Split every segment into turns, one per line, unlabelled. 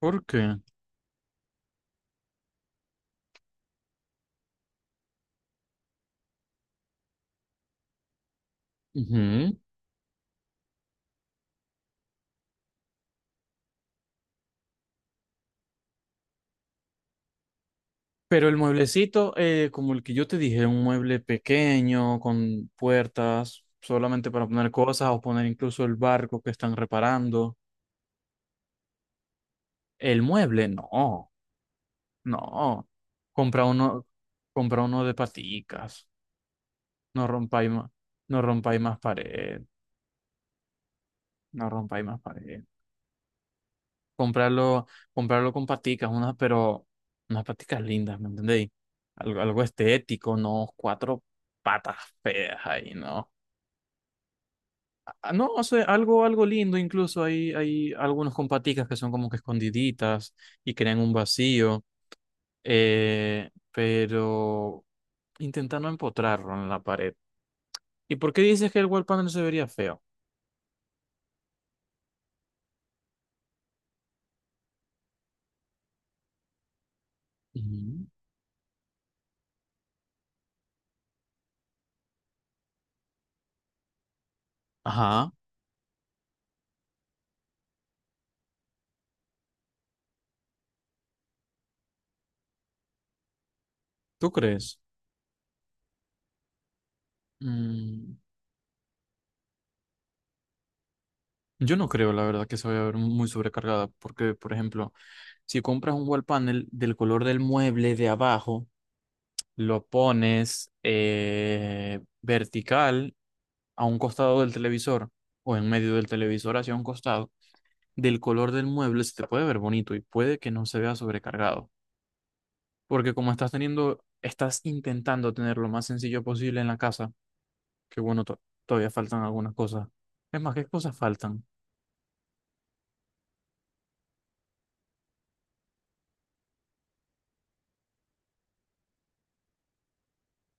¿Por qué? Ujú. Pero el mueblecito, como el que yo te dije, un mueble pequeño, con puertas, solamente para poner cosas o poner incluso el barco que están reparando. El mueble, no, no. Compra uno, compra uno de paticas. No rompáis más, no rompáis más pared. No rompáis más pared. Comprarlo, comprarlo con paticas, unas, pero unas paticas lindas, ¿me entendéis? Algo, algo estético, no cuatro patas feas ahí, ¿no? Ah, no, o sea, algo, algo lindo, incluso hay algunos con paticas que son como que escondiditas y crean un vacío, pero intenta no empotrarlo en la pared. ¿Y por qué dices que el wall panel se vería feo? Ujú. Ajá, ¿tú crees? Mm. Yo no creo, la verdad, que se vaya a ver muy sobrecargada, porque, por ejemplo, si compras un wall panel del color del mueble de abajo, lo pones vertical a un costado del televisor o en medio del televisor hacia un costado, del color del mueble se te puede ver bonito y puede que no se vea sobrecargado, porque como estás teniendo, estás intentando tener lo más sencillo posible en la casa, que bueno, todavía faltan algunas cosas. Es más, ¿qué cosas faltan?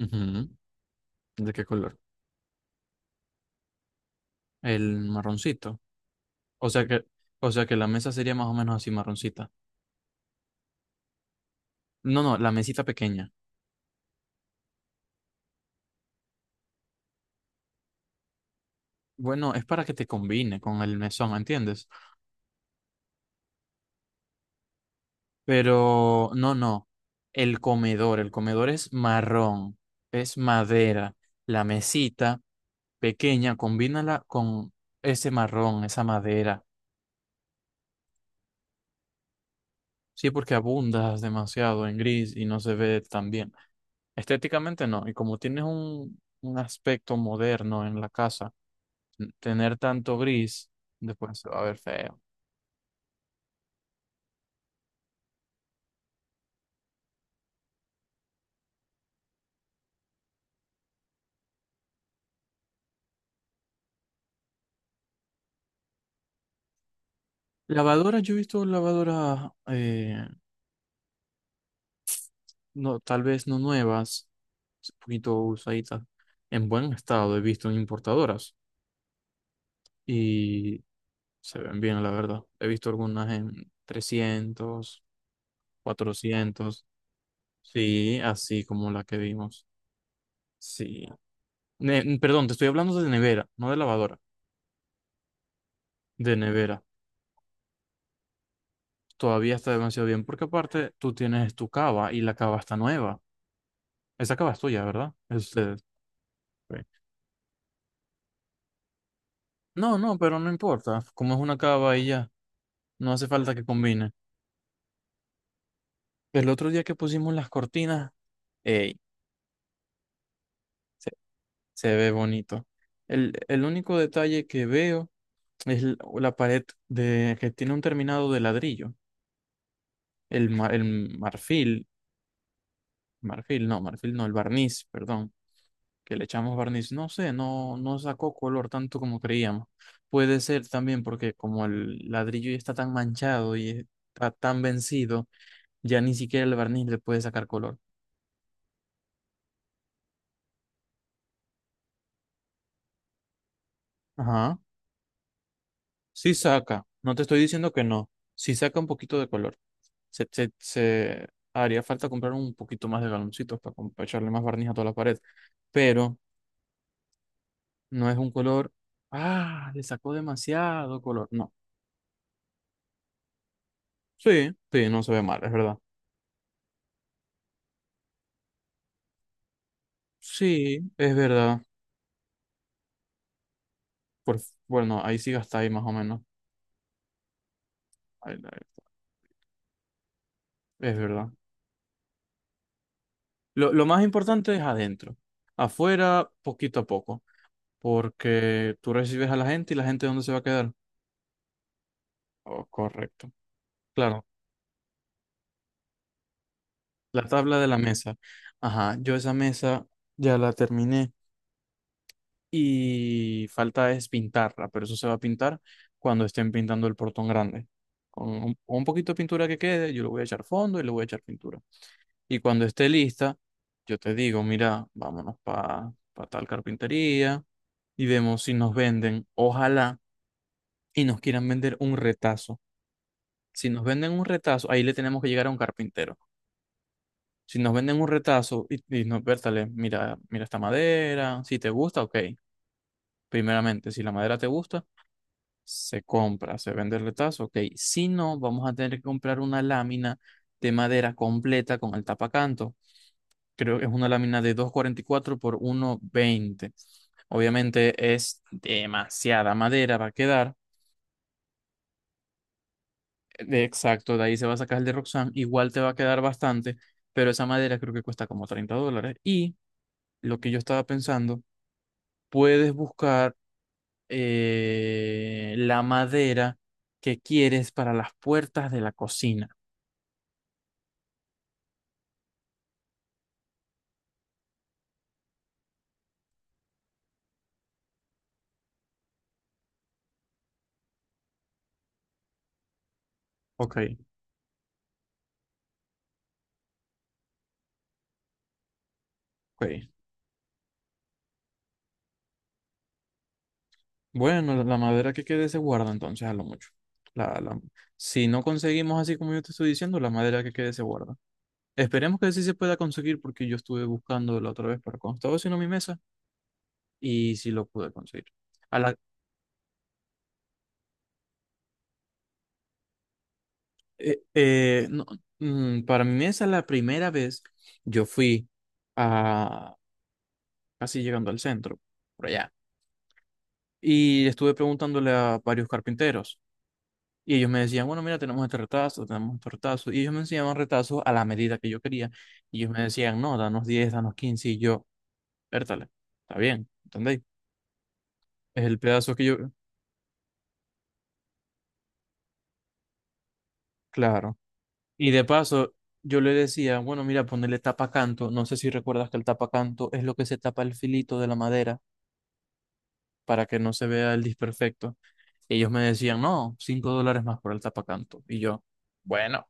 Ujú. ¿De qué color? El marroncito. O sea que, o sea que la mesa sería más o menos así marroncita. No, no, la mesita pequeña. Bueno, es para que te combine con el mesón, ¿entiendes? Pero no, no. El comedor es marrón, es madera. La mesita pequeña, combínala con ese marrón, esa madera. Sí, porque abundas demasiado en gris y no se ve tan bien. Estéticamente no. Y como tienes un aspecto moderno en la casa, tener tanto gris después se va a ver feo. Lavadoras, yo he visto lavadoras, no, tal vez no nuevas, un poquito usaditas, en buen estado. He visto en importadoras y se ven bien, la verdad. He visto algunas en 300, 400, sí, así como la que vimos. Sí. Perdón, te estoy hablando de nevera, no de lavadora, de nevera. Todavía está demasiado bien porque aparte tú tienes tu cava y la cava está nueva. Esa cava es tuya, ¿verdad? Es de ustedes. Sí. No, no, pero no importa. Como es una cava y ya, no hace falta que combine. El otro día que pusimos las cortinas, ey, se, se ve bonito. El único detalle que veo es la pared de, que tiene un terminado de ladrillo. El, el marfil, marfil no, el barniz, perdón que le echamos barniz, no sé, no, no sacó color tanto como creíamos. Puede ser también porque como el ladrillo ya está tan manchado y está tan vencido, ya ni siquiera el barniz le puede sacar color. Ajá, sí saca, no te estoy diciendo que no, sí saca un poquito de color. Se haría falta comprar un poquito más de galoncitos para, para echarle más barniz a toda la pared, pero no es un color, ah, le sacó demasiado color, no. Sí, sí, no se ve mal, es verdad. Sí, es verdad. Por, bueno, ahí sí gastáis más o menos. Ahí es verdad. Lo más importante es adentro. Afuera, poquito a poco. Porque tú recibes a la gente y la gente ¿dónde se va a quedar? Oh, correcto. Claro, la tabla de la mesa. Ajá, yo esa mesa ya la terminé y falta es pintarla, pero eso se va a pintar cuando estén pintando el portón grande. Con un poquito de pintura que quede, yo le voy a echar fondo y le voy a echar pintura. Y cuando esté lista, yo te digo, mira, vámonos para tal carpintería y vemos si nos venden, ojalá, y nos quieran vender un retazo. Si nos venden un retazo, ahí le tenemos que llegar a un carpintero. Si nos venden un retazo y nos, Bertale, mira, mira esta madera, si te gusta, ok. Primeramente, si la madera te gusta, se compra, se vende el retazo, ok. Si no, vamos a tener que comprar una lámina de madera completa con el tapacanto, creo que es una lámina de 2.44 por 1.20. Obviamente es demasiada madera, va a quedar. De exacto, de ahí se va a sacar el de Roxanne. Igual te va a quedar bastante, pero esa madera creo que cuesta como $30. Y lo que yo estaba pensando, puedes buscar la madera que quieres para las puertas de la cocina. Ok, ok. Bueno, la la madera que quede se guarda entonces a lo mucho. La, si no conseguimos así como yo te estoy diciendo, la madera que quede se guarda. Esperemos que sí se pueda conseguir porque yo estuve buscando la otra vez para cuando estaba haciendo mi mesa y sí lo pude conseguir. A la, no, para mi mesa la primera vez yo fui a casi llegando al centro, por allá, y estuve preguntándole a varios carpinteros. Y ellos me decían, bueno, mira, tenemos este retazo, tenemos este retazo. Y ellos me enseñaban retazos a la medida que yo quería. Y ellos me decían, no, danos 10, danos 15. Y yo, vértale, está bien, ¿entendéis? Es el pedazo que yo, claro. Y de paso, yo le decía, bueno, mira, ponerle tapacanto. No sé si recuerdas que el tapacanto es lo que se tapa el filito de la madera para que no se vea el disperfecto. Ellos me decían, no, $5 más por el tapacanto. Y yo, bueno.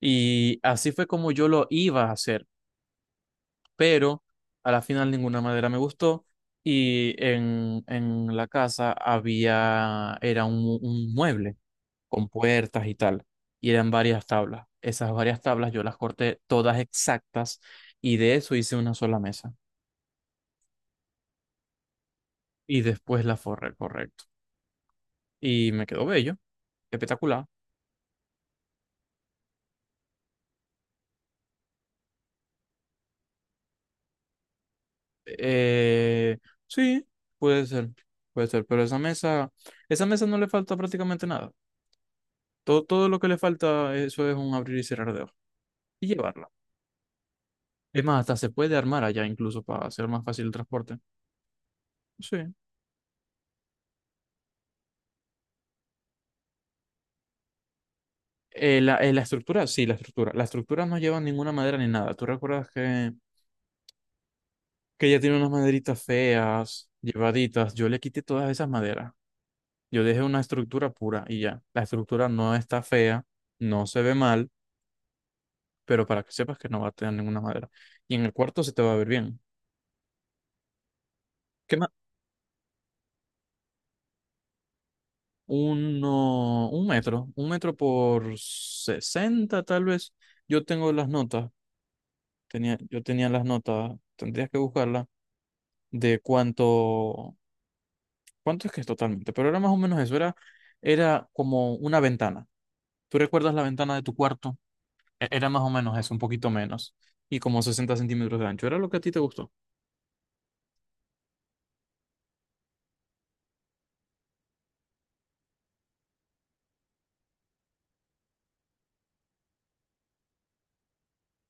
Y así fue como yo lo iba a hacer. Pero a la final ninguna madera me gustó y en la casa había, era un mueble con puertas y tal, y eran varias tablas. Esas varias tablas yo las corté todas exactas y de eso hice una sola mesa y después la forré, correcto. Y me quedó bello, espectacular. Eh, sí, puede ser, puede ser, pero esa mesa no le falta prácticamente nada. Todo, todo lo que le falta, eso es un abrir y cerrar de ojos y llevarla. Es más, hasta se puede armar allá incluso para hacer más fácil el transporte. Sí. La estructura, sí, la estructura. La estructura no lleva ninguna madera ni nada. ¿Tú recuerdas que, ella tiene unas maderitas feas, llevaditas? Yo le quité todas esas maderas. Yo dejé una estructura pura y ya. La estructura no está fea, no se ve mal, pero para que sepas que no va a tener ninguna madera. Y en el cuarto se te va a ver bien. ¿Qué más? Uno, un metro, 1 metro por 60 tal vez. Yo tengo las notas. Tenía, yo tenía las notas, tendrías que buscarlas, de cuánto, cuánto es que es totalmente, pero era más o menos eso, era, era como una ventana. ¿Tú recuerdas la ventana de tu cuarto? Era más o menos eso, un poquito menos, y como 60 centímetros de ancho, era lo que a ti te gustó.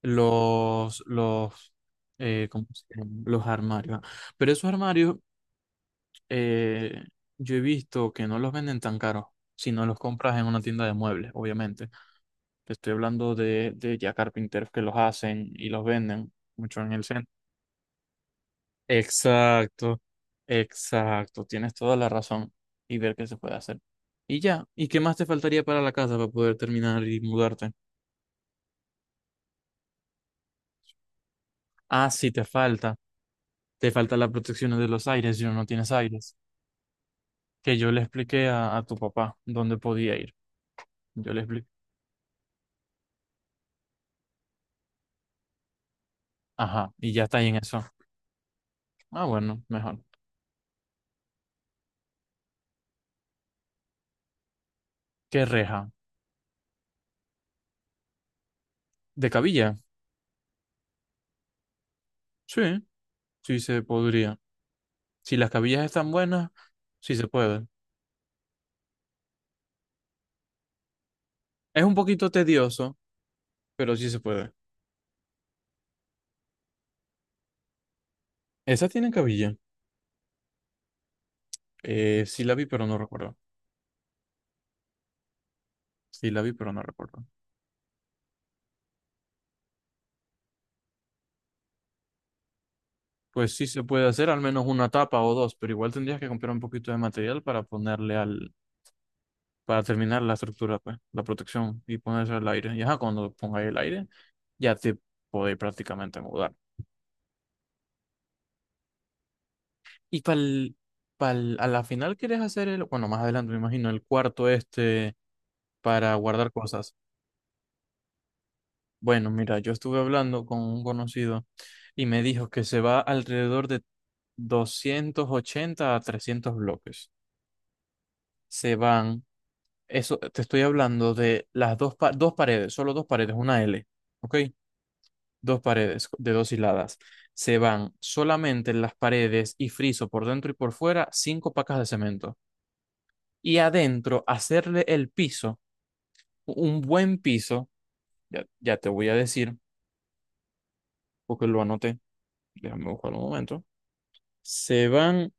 Los, ¿cómo se llaman? Los armarios. Ah. Pero esos armarios, eh, yo he visto que no los venden tan caros, si no los compras en una tienda de muebles, obviamente. Te estoy hablando de, ya carpinteros que los hacen y los venden mucho en el centro. Exacto, exacto, tienes toda la razón y ver qué se puede hacer. Y ya, ¿y qué más te faltaría para la casa para poder terminar y mudarte? Ah, sí, te falta la protección de los aires, yo no, no tienes aires. Que yo le expliqué a tu papá dónde podía ir. Yo le expliqué. Ajá, y ya está ahí en eso. Ah, bueno, mejor. ¿Qué reja? ¿De cabilla? Sí, sí se podría. Si las cabillas están buenas, sí se puede. Es un poquito tedioso, pero sí se puede. ¿Esa tiene cabilla? Sí la vi, pero no recuerdo. Sí la vi, pero no recuerdo. Pues sí se puede hacer al menos una tapa o dos, pero igual tendrías que comprar un poquito de material para ponerle para terminar la estructura, pues, la protección y ponerse al aire. Y ajá, cuando pongáis el aire, ya te podéis prácticamente mudar. Y para a la final quieres hacer el, bueno, más adelante me imagino, el cuarto este para guardar cosas. Bueno, mira, yo estuve hablando con un conocido y me dijo que se va alrededor de 280 a 300 bloques. Se van, eso te estoy hablando de las dos, dos paredes, solo dos paredes, una L, ¿ok? Dos paredes de dos hiladas. Se van solamente las paredes y friso por dentro y por fuera, 5 pacas de cemento. Y adentro, hacerle el piso, un buen piso, ya, ya te voy a decir, porque lo anoté, déjame buscar un momento. Se van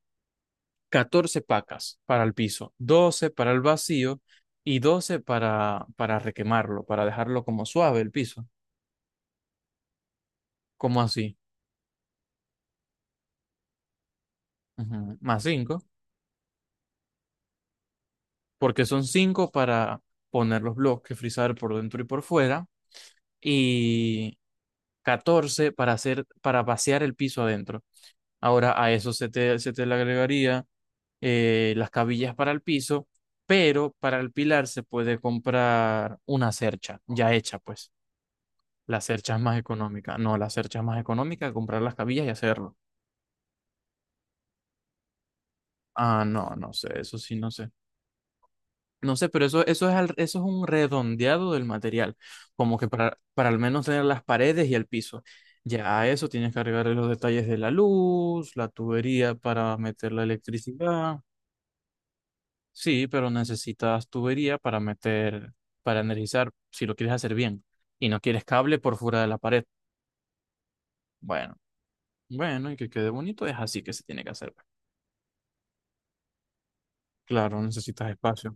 14 pacas para el piso, 12 para el vacío y 12 para requemarlo, para dejarlo como suave el piso, como así, ujú. Más 5, porque son 5 para poner los bloques, frizar por dentro y por fuera, y 14 para hacer, para vaciar el piso adentro. Ahora a eso se te le agregaría las cabillas para el piso, pero para el pilar se puede comprar una cercha ya hecha, pues. Las cerchas más económicas. No, las cerchas más económicas, comprar las cabillas y hacerlo. Ah, no, no sé, eso sí, no sé. No sé, pero eso es, eso es un redondeado del material, como que para al menos tener las paredes y el piso. Ya a eso tienes que agregarle los detalles de la luz, la tubería para meter la electricidad. Sí, pero necesitas tubería para meter, para energizar, si lo quieres hacer bien. Y no quieres cable por fuera de la pared. Bueno, bueno, y que quede bonito, es así que se tiene que hacer. Claro, necesitas espacio.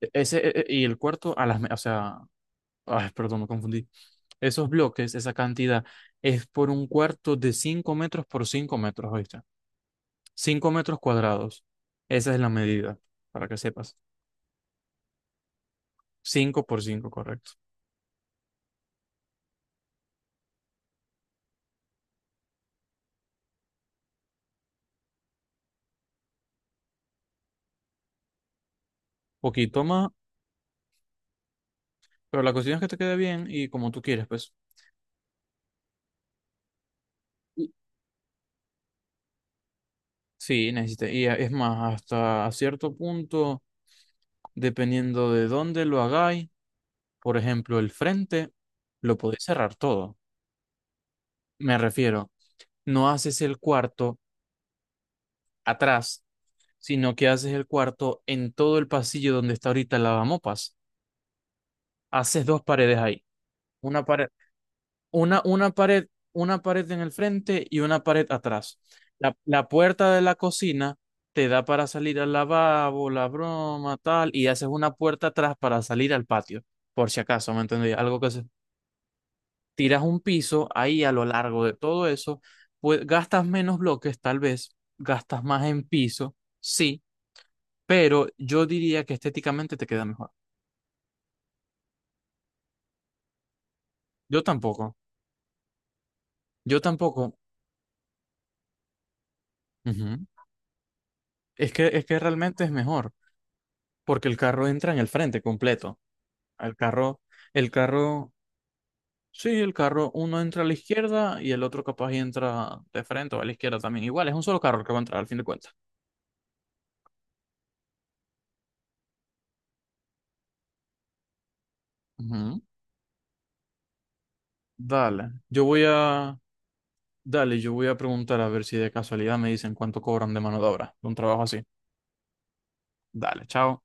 Y el cuarto, o sea, ay, perdón, me confundí. Esos bloques, esa cantidad, es por un cuarto de 5 metros por 5 metros, ¿oíste? 5 metros cuadrados. Esa es la medida, para que sepas. 5 por 5, correcto. Poquito más, pero la cuestión es que te quede bien y como tú quieres, pues. Y- Sí, necesitas. Es más, hasta cierto punto, dependiendo de dónde lo hagáis, por ejemplo, el frente, lo podéis cerrar todo. Me refiero, no haces el cuarto atrás, sino que haces el cuarto en todo el pasillo donde está ahorita el lavamopas. Haces dos paredes ahí, una pared, una pared, una pared en el frente y una pared atrás. La puerta de la cocina te da para salir al lavabo, la broma, tal, y haces una puerta atrás para salir al patio, por si acaso, ¿me entendí? Algo que se... Tiras un piso ahí a lo largo de todo eso, pues gastas menos bloques, tal vez, gastas más en piso, sí, pero yo diría que estéticamente te queda mejor. Yo tampoco, yo tampoco. Ujú. Es que realmente es mejor, porque el carro entra en el frente completo. El carro, el carro, sí, el carro, uno entra a la izquierda y el otro capaz y entra de frente o a la izquierda también. Igual, es un solo carro el que va a entrar al fin de cuentas. Ujú. Dale, yo voy a, dale, yo voy a preguntar a ver si de casualidad me dicen cuánto cobran de mano de obra de un trabajo así. Dale, chao.